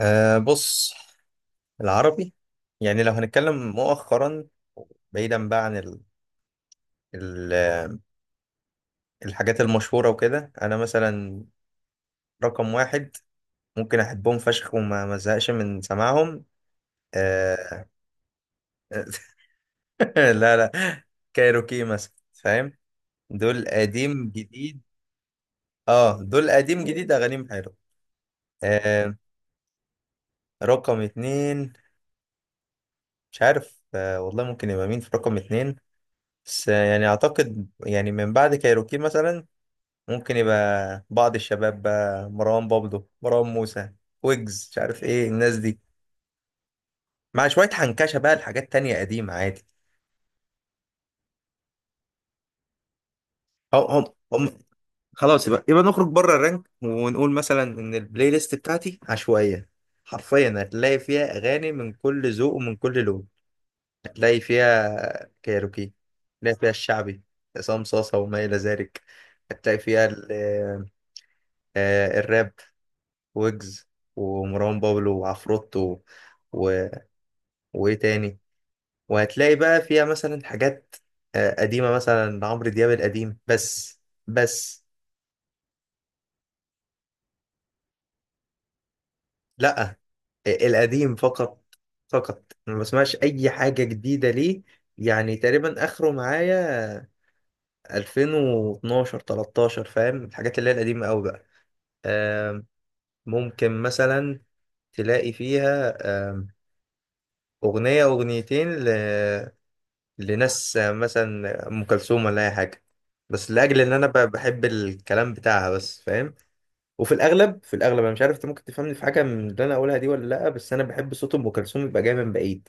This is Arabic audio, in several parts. أه بص، العربي يعني لو هنتكلم مؤخرا بعيدا بقى عن ال ال الحاجات المشهورة وكده. أنا مثلا رقم واحد ممكن أحبهم فشخ وما ما ازهقش من سماعهم. أه لا لا، كايروكي مثلا فاهم، دول قديم جديد. اه دول قديم جديد أغانيهم حلوة. أه رقم اتنين، مش عارف. أه والله ممكن يبقى مين في رقم اتنين؟ بس يعني أعتقد يعني من بعد كايروكي مثلا ممكن يبقى بعض الشباب بقى، مروان بابلو، مروان موسى، ويجز، مش عارف ايه الناس دي، مع شوية حنكشة بقى لحاجات تانية قديمة عادي. هم هم هم خلاص، يبقى نخرج بره الرنك ونقول مثلا ان البلاي ليست بتاعتي عشوائية. حرفيا هتلاقي فيها اغاني من كل ذوق ومن كل لون. هتلاقي فيها كايروكي، هتلاقي فيها الشعبي، عصام صاصة وما إلى ذلك. هتلاقي فيها الراب، ويجز ومروان بابلو وعفروتو، وايه تاني، وهتلاقي بقى فيها مثلا حاجات قديمة مثلا لعمرو دياب، القديم بس. بس لا، القديم فقط، فقط. أنا ما بسمعش اي حاجة جديدة ليه، يعني تقريبا اخره معايا 2012 13، فاهم؟ الحاجات اللي هي القديمة قوي بقى. آم، ممكن مثلا تلاقي فيها آم، اغنية اغنيتين لناس مثلا ام كلثوم ولا اي حاجه، بس لاجل ان انا بحب الكلام بتاعها بس، فاهم. وفي الاغلب، في الاغلب، انا مش عارف انت ممكن تفهمني في حاجه من اللي انا اقولها دي ولا لا، بس انا بحب صوت ام كلثوم يبقى جاي من بعيد.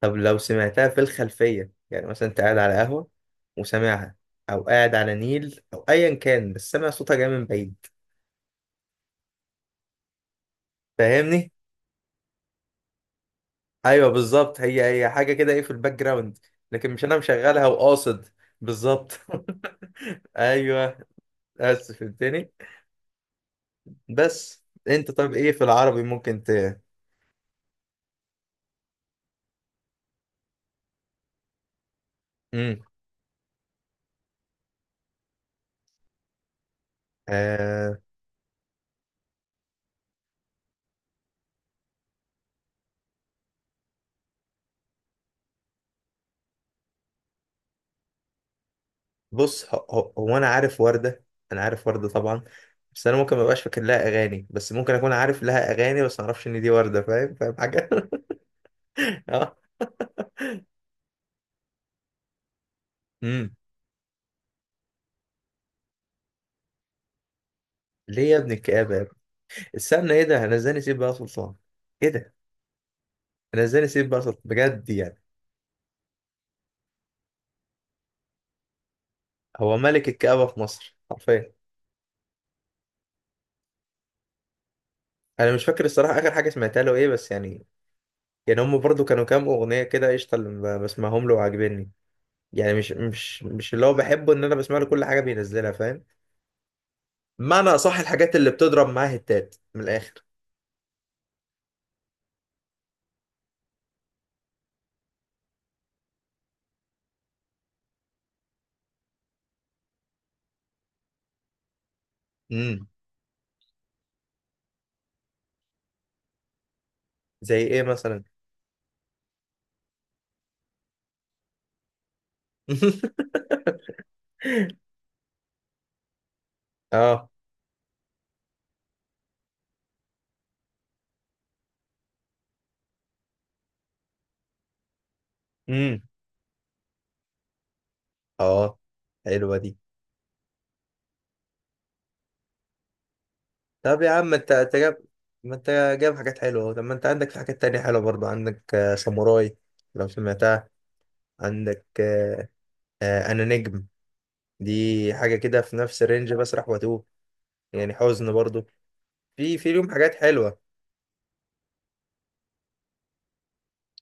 طب لو سمعتها في الخلفيه، يعني مثلا انت قاعد على قهوه وسامعها، او قاعد على نيل او ايا كان، بس سامع صوتها جاي من بعيد، فاهمني؟ ايوه بالظبط، هي حاجه كده، ايه، في الباك جراوند، لكن مش انا مشغلها وقاصد. بالظبط. ايوه، اسف. بس انت طب ايه في العربي ممكن ت مم. آه بص، هو, هو هو انا عارف وردة، انا عارف وردة طبعا، بس انا ممكن ما ابقاش فاكر لها اغاني، بس ممكن اكون عارف لها اغاني بس ما اعرفش ان دي وردة، فاهم، فاهم حاجة. اه. امم. ليه يا ابن الكآبة يا ابني؟ استنى ايه ده، انا ازاي نسيب بقى سلطان؟ ايه ده، انا ازاي نسيب بقى سلطان بجد يعني؟ هو ملك الكآبة في مصر حرفيا. انا مش فاكر الصراحة اخر حاجة سمعتها له ايه، بس يعني، يعني هم برضو كانوا كام اغنية كده قشطة اللي بسمعهم له وعاجبني. يعني مش اللي هو بحبه ان انا بسمع له كل حاجه بينزلها، فاهم. معنى اصح، الحاجات اللي بتضرب معاه هتات من الاخر. امم. زي ايه مثلا؟ اه. امم. اه، حلوه دي. طب يا عم ما انت جاب، ما انت جاب حاجات حلوه أهو. طب ما انت عندك في حاجات تانية حلوه برضه. عندك ساموراي، لو سمعتها. عندك انا نجم. دي حاجه كده في نفس الرينج، بسرح واتوه، يعني حزن برضه. في، في ليهم حاجات حلوه.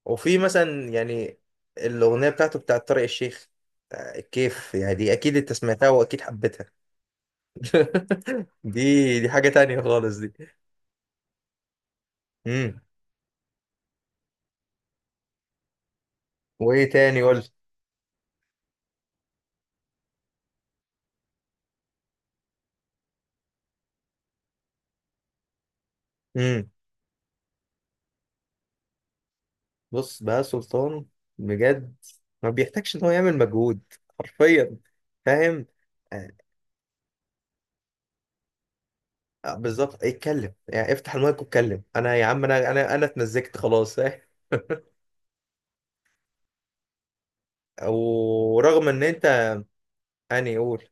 وفي مثلا يعني الأغنية بتاعته، بتاعت طارق الشيخ، الكيف، يعني دي أكيد أنت سمعتها وأكيد حبيتها. دي، دي حاجة تانية خالص دي. امم. وإيه تاني، قول. امم. بص بقى سلطان، بجد ما بيحتاجش إن هو يعمل مجهود، حرفيا، فاهم. آه، بالظبط، اتكلم يعني، افتح المايك واتكلم، أنا يا عم، أنا اتمزجت خلاص، فاهم. ورغم إن أنت، أني قول،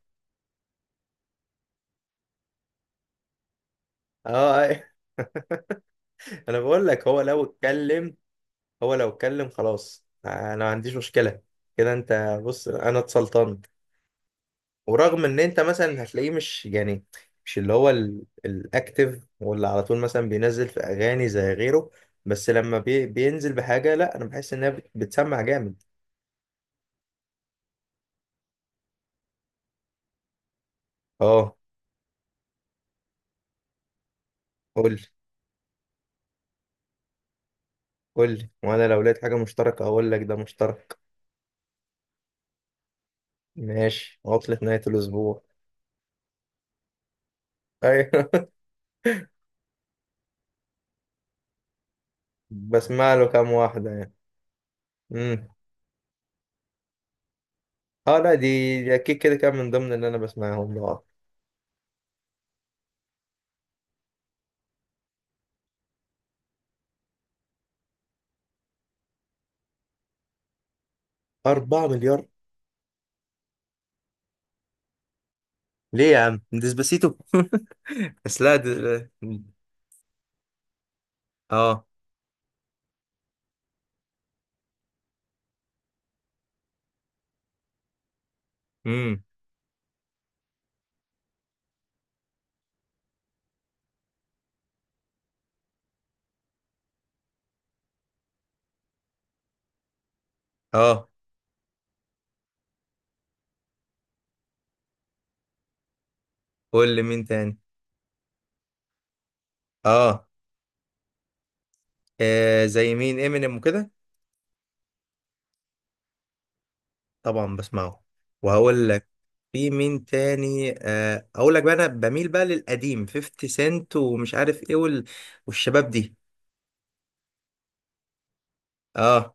أه، آه. أنا بقول لك هو لو اتكلم، هو لو اتكلم خلاص انا ما عنديش مشكله. كده، انت بص، انا اتسلطنت. ورغم ان انت مثلا هتلاقيه مش يعني، مش اللي هو الاكتف، واللي على طول مثلا بينزل في اغاني زي غيره، بس لما بينزل بحاجه، لا، انا بحس انها بتسمع جامد. اه، قول لي، قول لي، وانا لو لقيت حاجه مشتركه هقول لك ده مشترك. ماشي، عطله نهايه الاسبوع. ايوه. بسمع له كام واحده يعني. امم. اه لا، دي، دي اكيد كده كان من ضمن اللي انا بسمعهم. اه. 4 مليار؟ ليه يا عم، ديسباسيتو. بس لا اه. امم. اه. قول لي مين تاني. اه، زي مين، امينيم وكده، طبعا بسمعه. وهقول لك في مين تاني. آه اقول لك بقى، انا بميل بقى للقديم، 50 سنت ومش عارف ايه والشباب دي. اه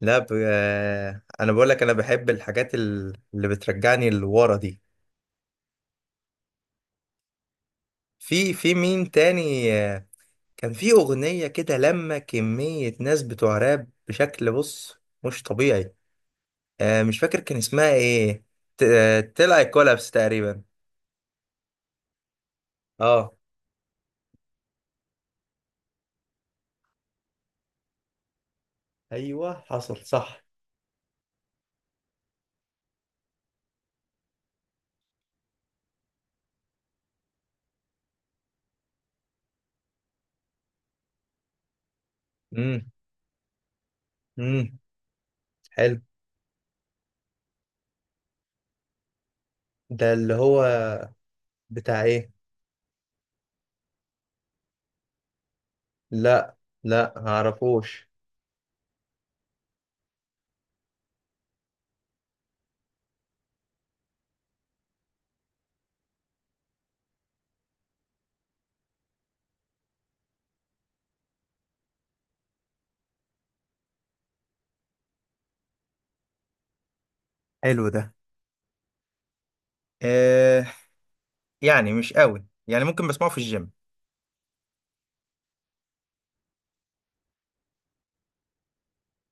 لا انا بقول لك، انا بحب الحاجات اللي بترجعني لورا دي. في، في مين تاني كان في أغنية كده لما كمية ناس بتوع راب بشكل، بص، مش طبيعي. آه مش فاكر كان اسمها ايه. تلعي كولابس تقريبا. اه. ايوه حصل صح. امم. امم. حلو. ده اللي هو بتاع ايه؟ لا لا معرفوش. حلو ده. آه يعني مش قوي، يعني ممكن بسمعه في الجيم.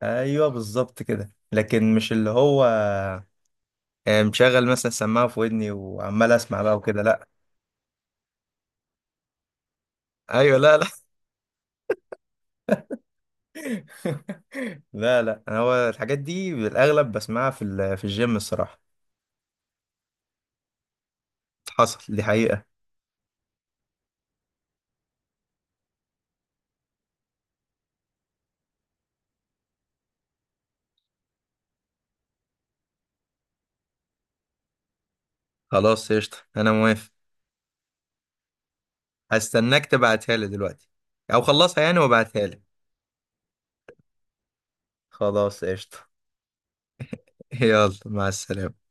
ايوه بالظبط كده، لكن مش اللي هو مشغل مثلا سماعه في ودني وعمال اسمع بقى وكده، لا. ايوه، لا لا لا لا، أنا هو الحاجات دي بالاغلب بسمعها في في الجيم الصراحه. حصل، دي حقيقه. خلاص قشطه، انا موافق. هستناك تبعتها لي دلوقتي، او خلصها يعني وابعتها لي. خلاص قشطه. يلا، مع السلامه.